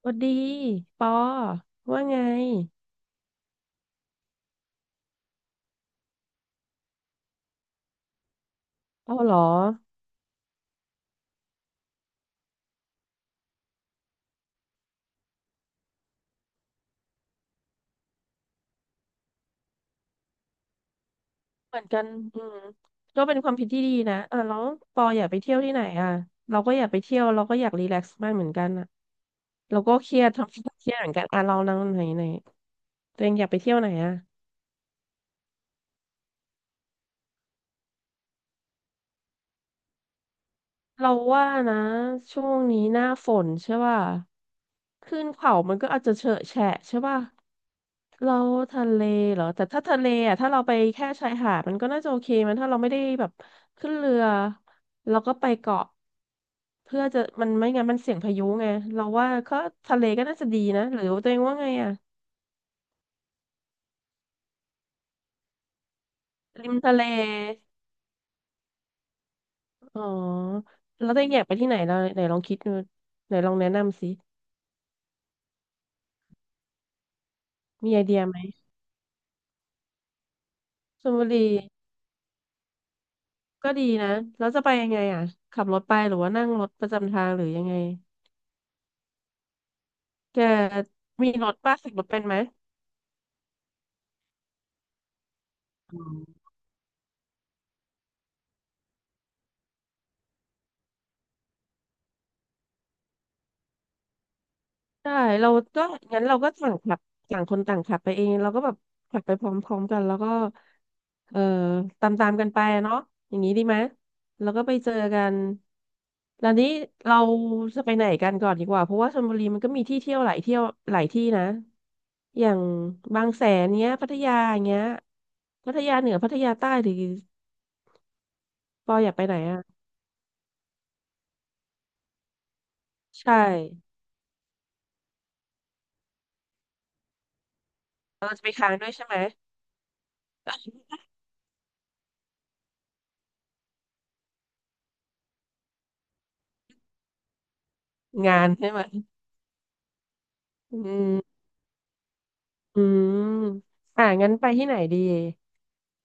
สวัสดีปอว่าไงเอาเหรอเหมือนกันอืมก็เป็นความผิดที่ดีนะอ่ะแล้วปออยากไปเที่ยวที่ไหนอ่ะเราก็อยากไปเที่ยวเราก็อยากรีแลกซ์บ้างเหมือนกันอ่ะเราก็เครียด ทำเครียดเหมือนกันอ่ะเรานั่งไหนไหนตัวเองอยากไปเที่ยวไหนอ่ะ เราว่านะช่วงนี้หน้าฝนใช่ป่ะขึ้นเขามันก็อาจจะเฉอะแฉะใช่ป่ะเราทะเลเหรอแต่ถ้าทะเลอ่ะถ้าเราไปแค่ชายหาดมันก็น่าจะโอเคมันถ้าเราไม่ได้แบบขึ้นเรือเราก็ไปเกาะเพื่อจะมันไม่งั้นมันเสี่ยงพายุไงเราว่าก็ทะเลก็น่าจะดีนะหรือตัวเองว่าไงอ่ะริมทะเลอ๋อแล้วตัวเองอยากไปที่ไหนเราไหนลองคิดดูไหนลองแนะนำสิมีไอเดียไหมชลบุรี ก็ดีนะแล้วจะไปยังไงอ่ะ ขับรถไปหรือว่านั่งรถประจำทางหรือยังไงแกมีรถป้าขับรถเป็นไหมอ๋อได้เราก็งั้นเราก็ต่างขับต่างคนต่างขับไปเอง เราก็แบบขับไปพร้อมๆกันแล้วก็เอ่อตามๆกันไปอะเนาะอย่างนี้ดีไหมแล้วก็ไปเจอกันแล้วนี้เราจะไปไหนกันก่อนดีกว่า เพราะว่าชลบุรีมันก็มีที่เที่ยวหลายเที่ยวหลายที่นะ อย่างบางแสนเนี้ยพัทยาเงี้ยพัทยาเหนือพัทยาใต้หรือ ปออยากไปไหนอ่ะใช่เราจะไปค้างด้วยใช่ไหมงานใช่ไหมอืมอืมอ่ะงั้นไปที่ไหนดี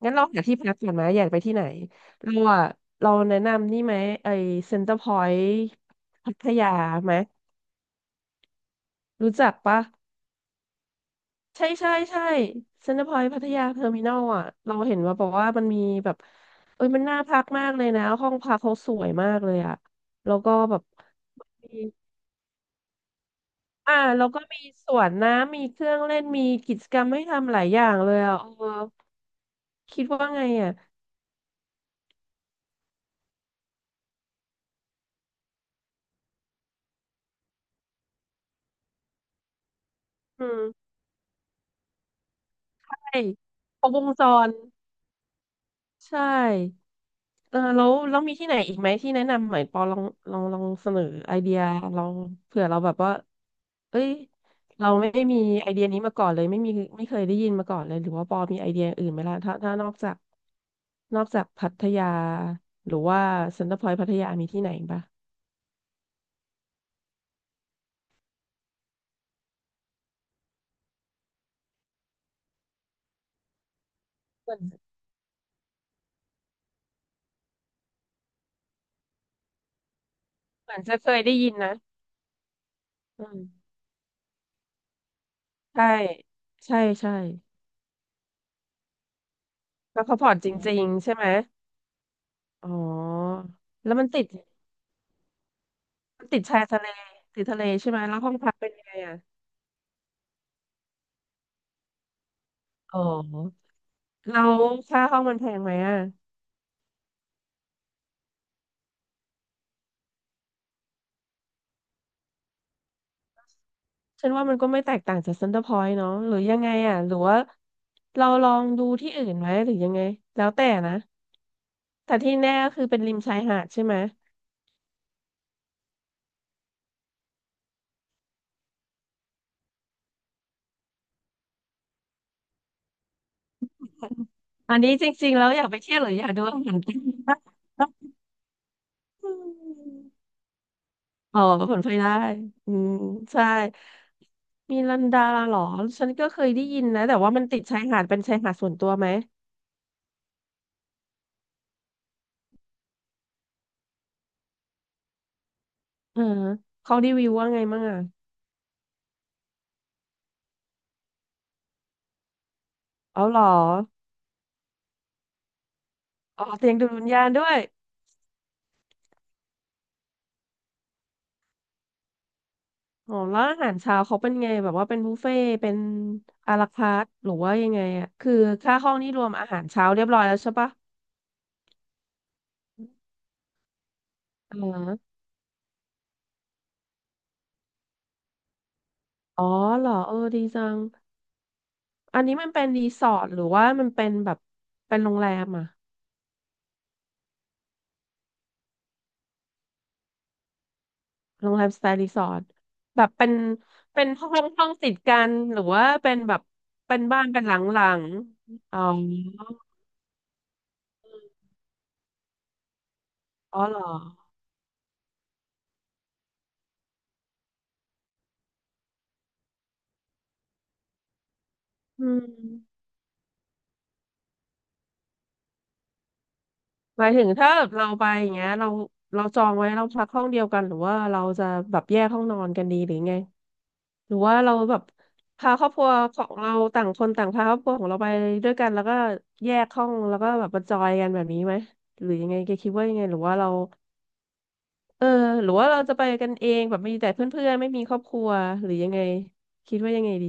งั้นเราหาที่พักก่อนไหมอยากไปที่ไหนเราอ่ะเราแนะนำนี่ไหมไอเซ็นเตอร์พอยต์พัทยาไหมรู้จักปะใช่ใช่ใช่เซ็นเตอร์พอยต์พัทยาเทอร์มินอลอ่ะเราเห็นว่าบอกว่ามันมีแบบเอ้ยมันน่าพักมากเลยนะห้องพักเขาสวยมากเลยอ่ะแล้วก็แบบ อ่าแล้วก็มีสวนน้ำมีเครื่องเล่นมีกิจกรรมให้ทำหลายอย่างเลยอ่ะเออคิดว่าไงอ่ะอืมใช่ครบวงจรใช่เออแล้วแล้วมีที่ไหนอีกไหมที่แนะนำหน่อยปอลองลองลองเสนอไอเดียลองเผื่อเราแบบว่าเอ้ยเราไม่ได้มีไอเดียนี้มาก่อนเลยไม่มีไม่เคยได้ยินมาก่อนเลยหรือว่าปอมีไอเดียอื่นไหมล่ะถ้าถ้านอกจากนอกจากพัทยาหรือว่าเซ็นเตอร์พอยต์พัทยามีที่ไหนอีกปะเหมือนเหมือนจะเคยได้ยินนะ อืมใช่ใช่ใช่แล้วเขาผ่อนจริงๆใช่ไหมอ๋อแล้วมันติดมันติดชายทะเลติดทะเลใช่ไหมแล้วห้องพักเป็นยังไงอ่ะอ๋อแล้วค่าห้องมันแพงไหมอ่ะฉันว่ามันก็ไม่แตกต่างจากเซ็นเตอร์พอยต์เนาะหรือยังไงอ่ะหรือว่าเราลองดูที่อื่นไหมหรือยังไงแล้วแต่นะแต่ที่แน่ก็คือเป็นริมชายหาดใช่ไหมอันนี้จริงๆแล้วอยากไปเที่ยวหรืออยากดูอาหาร ใต้น อ๋อผลพลอยได้ อืมใช่มีลันดาเหรอฉันก็เคยได้ยินนะแต่ว่ามันติดชายหาดเป็นชายหาดส่วนตัวไหมเออเขารีวิวว่าไงมั่งอ่ะเอาเหรออ๋อเตียงดูดวิญญาณด้วยอ๋อแล้วอาหารเช้าเขาเป็นไงแบบว่าเป็นบุฟเฟ่ต์เป็นอาราคาร์ทหรือว่ายังไงอ่ะคือค่าห้องนี่รวมอาหารเช้าเรียบร้อยแล้วใช่ปะเอออ๋อเหรอเออดีจังอันนี้มันเป็นรีสอร์ทหรือว่ามันเป็นแบบเป็นโรงแรมอ่ะ โรงแรมสไตล์รีสอร์ทแบบเป็นเป็นห้องห้องติดกันหรือว่าเป็นแบบเป็นบ้านเป็นหลังๆอ๋ออ๋อเหรออืมหมายถึงถ้าแบบเราไปอย่างเงี้ยเราเราจองไว้เราพักห้องเดียวกันหรือว่าเราจะแบบแยกห้องนอนกันดีหรือไงหรือว่าเราแบบพาครอบครัวของเราต่างคนต่างพาครอบครัวของเราไปด้วยกันแล้วก็แยกห้องแล้วก็แบบมาจอยกันแบบนี้ไหมหรือยังไงแกคิดว่ายังไงหรือว่าเรา เออหรือว่าเราจะไปกันเองแบบมีแต่เพื่อนๆไม่มีครอบครัวหรือยังไงคิดว่ายังไงดี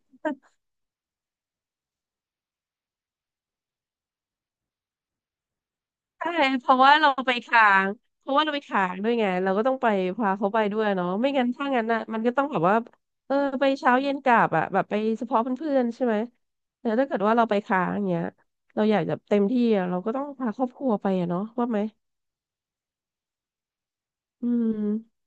ใช่เพราะว่าเราไปค้างเพราะว่าเราไปค้างด้วยไงเราก็ต้องไปพาเขาไปด้วยเนาะไม่งั้นถ้างั้นน่ะมันก็ต้องแบบว่าเออไปเช้าเย็นกลับอะแบบไปเฉพาะเพื่อนๆใช่ไหมแต่ถ้าเกิดว่าเราไปค้างอย่างเงี้ยเราอยากจะเต็มที่อะเราก็ต้องพาครอบครัวไปอะเนาะว่าไหมอืม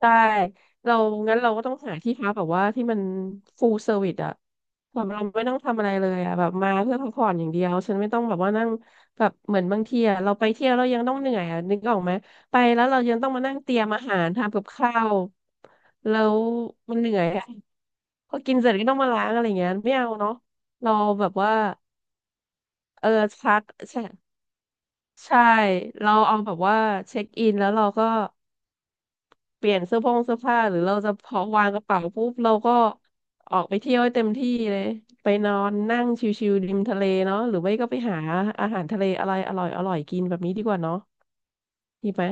ได้เรางั้นเราก็ต้องหาที่พักแบบว่าที่มันฟูลเซอร์วิสอะแบบเราไม่ต้องทำอะไรเลยอะแบบมาเพื่อพักผ่อนอย่างเดียวฉันไม่ต้องแบบว่านั่งแบบเหมือนบางทีอะเราไปเที่ยวเรายังต้องเหนื่อยอะนึกออกไหมไปแล้วเรายังต้องมานั่งเตรียมอาหารทำกับข้าวแล้วมันเหนื่อยอะพอกินเสร็จก็ต้องมาล้างอะไรเงี้ยไม่เอาเนาะเราแบบว่าเออชัดใช่ใช่เราเอาแบบว่าเช็คอินแล้วเราก็ เปลี่ยนเสื้อผ้าหรือเราจะพอวางกระเป๋าปุ๊บเราก็ออกไปเที่ยวให้เต็มที่เลยไปนอนนั่งชิวๆริมทะเลเนาะหรือไม่ก็ไปหาอาหารทะเลอะไรอร่อยอร่อยกินแบบนี้ดีกว่าเนาะดีไหม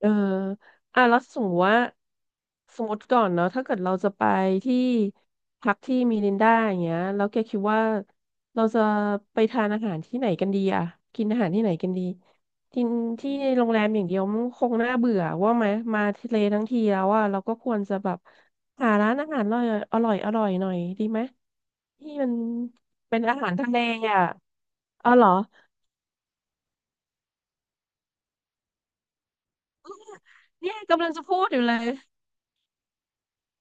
เอออ่ะแล้วสมมติว่าสมมติก่อนเนาะถ้าเกิดเราจะไปที่พักที่มิรินดาอย่างเงี้ยแล้วแกคิดว่าเราจะไปทานอาหารที่ไหนกันดีอะกินอาหารที่ไหนกันดีกินที่โรงแรมอย่างเดียวมันคงน่าเบื่อว่าไหมมาทะเลทั้งทีแล้วอะเราก็ควรจะแบบหาร้านอาหารอร่อยอร่อยอร่อยหน่อยดีไหมที่มันเป็นอาหารทะเลอะอ๋อเหรอเนี่ยกำลังจะพูดอยู่เลย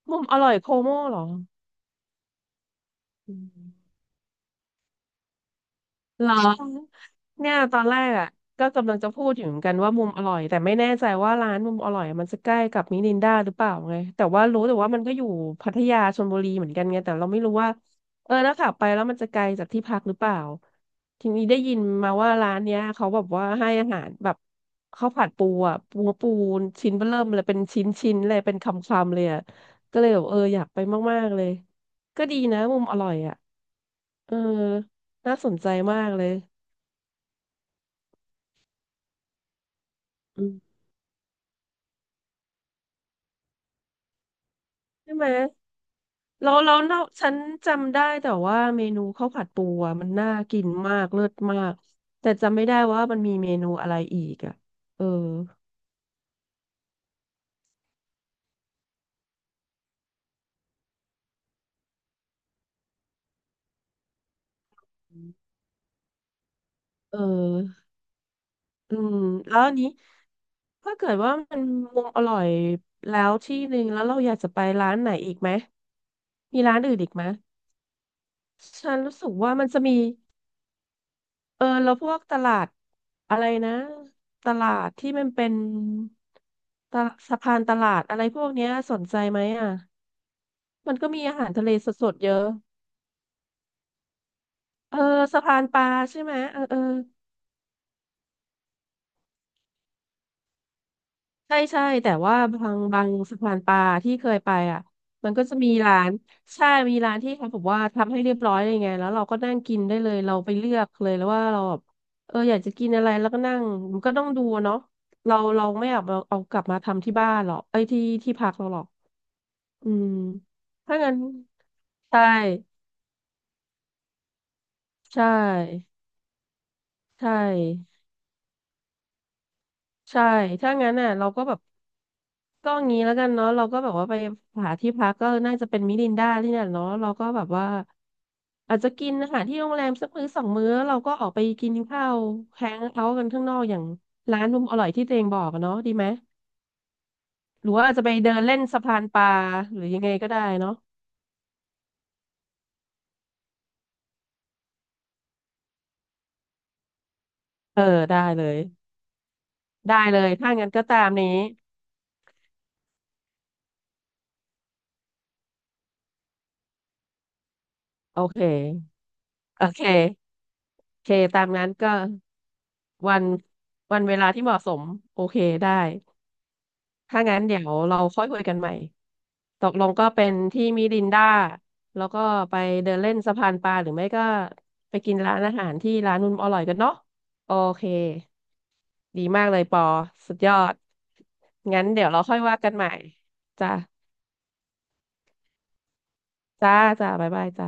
มุมอร่อยโคโม่เหรออืม เหรอเนี่ยตอนแรกอ่ะก็กำลังจะพูดอยู่เหมือนกันว่ามุมอร่อยแต่ไม่แน่ใจว่าร้านมุมอร่อยมันจะใกล้กับมินินดาหรือเปล่าไงแต่ว่ารู้แต่ว่ามันก็อยู่พัทยาชลบุรีเหมือนกันไงแต่เราไม่รู้ว่าเออแล้วขับไปแล้วมันจะไกลจากที่พักหรือเปล่าทีนี้ได้ยินมาว่าร้านเนี้ยเขาแบบว่าให้อาหารแบบข้าวผัดปูอ่ะปูนชิ้นเบ้อเริ่มเลยเป็นชิ้นเลยเป็นคำเลยอ่ะก็เลยแบบเอออยากไปมากๆเลยก็ดีนะมุมอร่อยอ่ะเออ น่าสนใจมากเลยอืมใช่ไหมเราเราฉันจำได้แต่ว่าเมนูข้าวผัดปูอะมันน่ากินมากเลิศมากแต่จำไม่ได้ว่ามันมีเมนูอะไรอีกอ่ะเออเอออืมแล้วอันนี้ถ้าเกิดว่ามันมุมอร่อยแล้วที่หนึ่งแล้วเราอยากจะไปร้านไหนอีกไหมมีร้านอื่นอีกไหมฉันรู้สึกว่ามันจะมี เออแล้วพวกตลาดอะไรนะตลาดที่มันเป็นตลาดสะพานตลาดอะไรพวกเนี้ยสนใจไหมอ่ะมันก็มีอาหารทะเลสดๆเยอะเออสะพานปลาใช่ไหมเออเออ ใช่ใช่แต่ว่าบางสะพานปลาที่เคยไปอ่ะมันก็จะมีร้านใช่มีร้านที่เขาบอกว่าทำให้เรียบร้อยเลยไงแล้วเราก็นั่งกินได้เลยเราไปเลือกเลยแล้วว่าเราแบบเอออยากจะกินอะไรแล้วก็นั่งมันก็ต้องดูอะเนาะเราไม่เอาเอากลับมาทำที่บ้านหรอกไอ้ยที่พักเราหรอกอืมถ้างั้นใช่ใช่ใช่ใช่ถ้างั้นน่ะเราก็แบบ ก็งี้แล้วกันเนาะเราก็แบบว่าไปหาที่พักก็น่าจะเป็นมิรินดาที่เนี่ยเนาะเราก็แบบว่าอาจจะกินอาหารที่โรงแรมสักมื้อสองมื้อเราก็ออกไปกินข้าวแฮงเอาท์กันข้างนอกอย่างร้านมุมอร่อยที่ตัวเองบอกอะเนาะดีไหมหรือว่าอาจจะไปเดินเล่นสะพานปลาหรือยังไงก็ได้เนาะเออได้เลยได้เลยถ้างั้นก็ตามนี้โอเคโอเคโอเคตามนั้นก็วันวันเวลาที่เหมาะสมโอเคได้ ถ้างั้นเดี๋ยวเราค่อยคุยกันใหม่ ตกลงก็เป็นที่มิรินดาแล้วก็ไปเดินเล่นสะพานปลาหรือไม่ก็ไปกินร้านอาหารที่ร้านนุ่มอร่อยกันเนาะโอเค ดีมากเลยปอสุดยอดงั้นเดี๋ยวเราค่อยว่ากันใหม่จ้าจ้าจ้าบ๊ายบายจ้า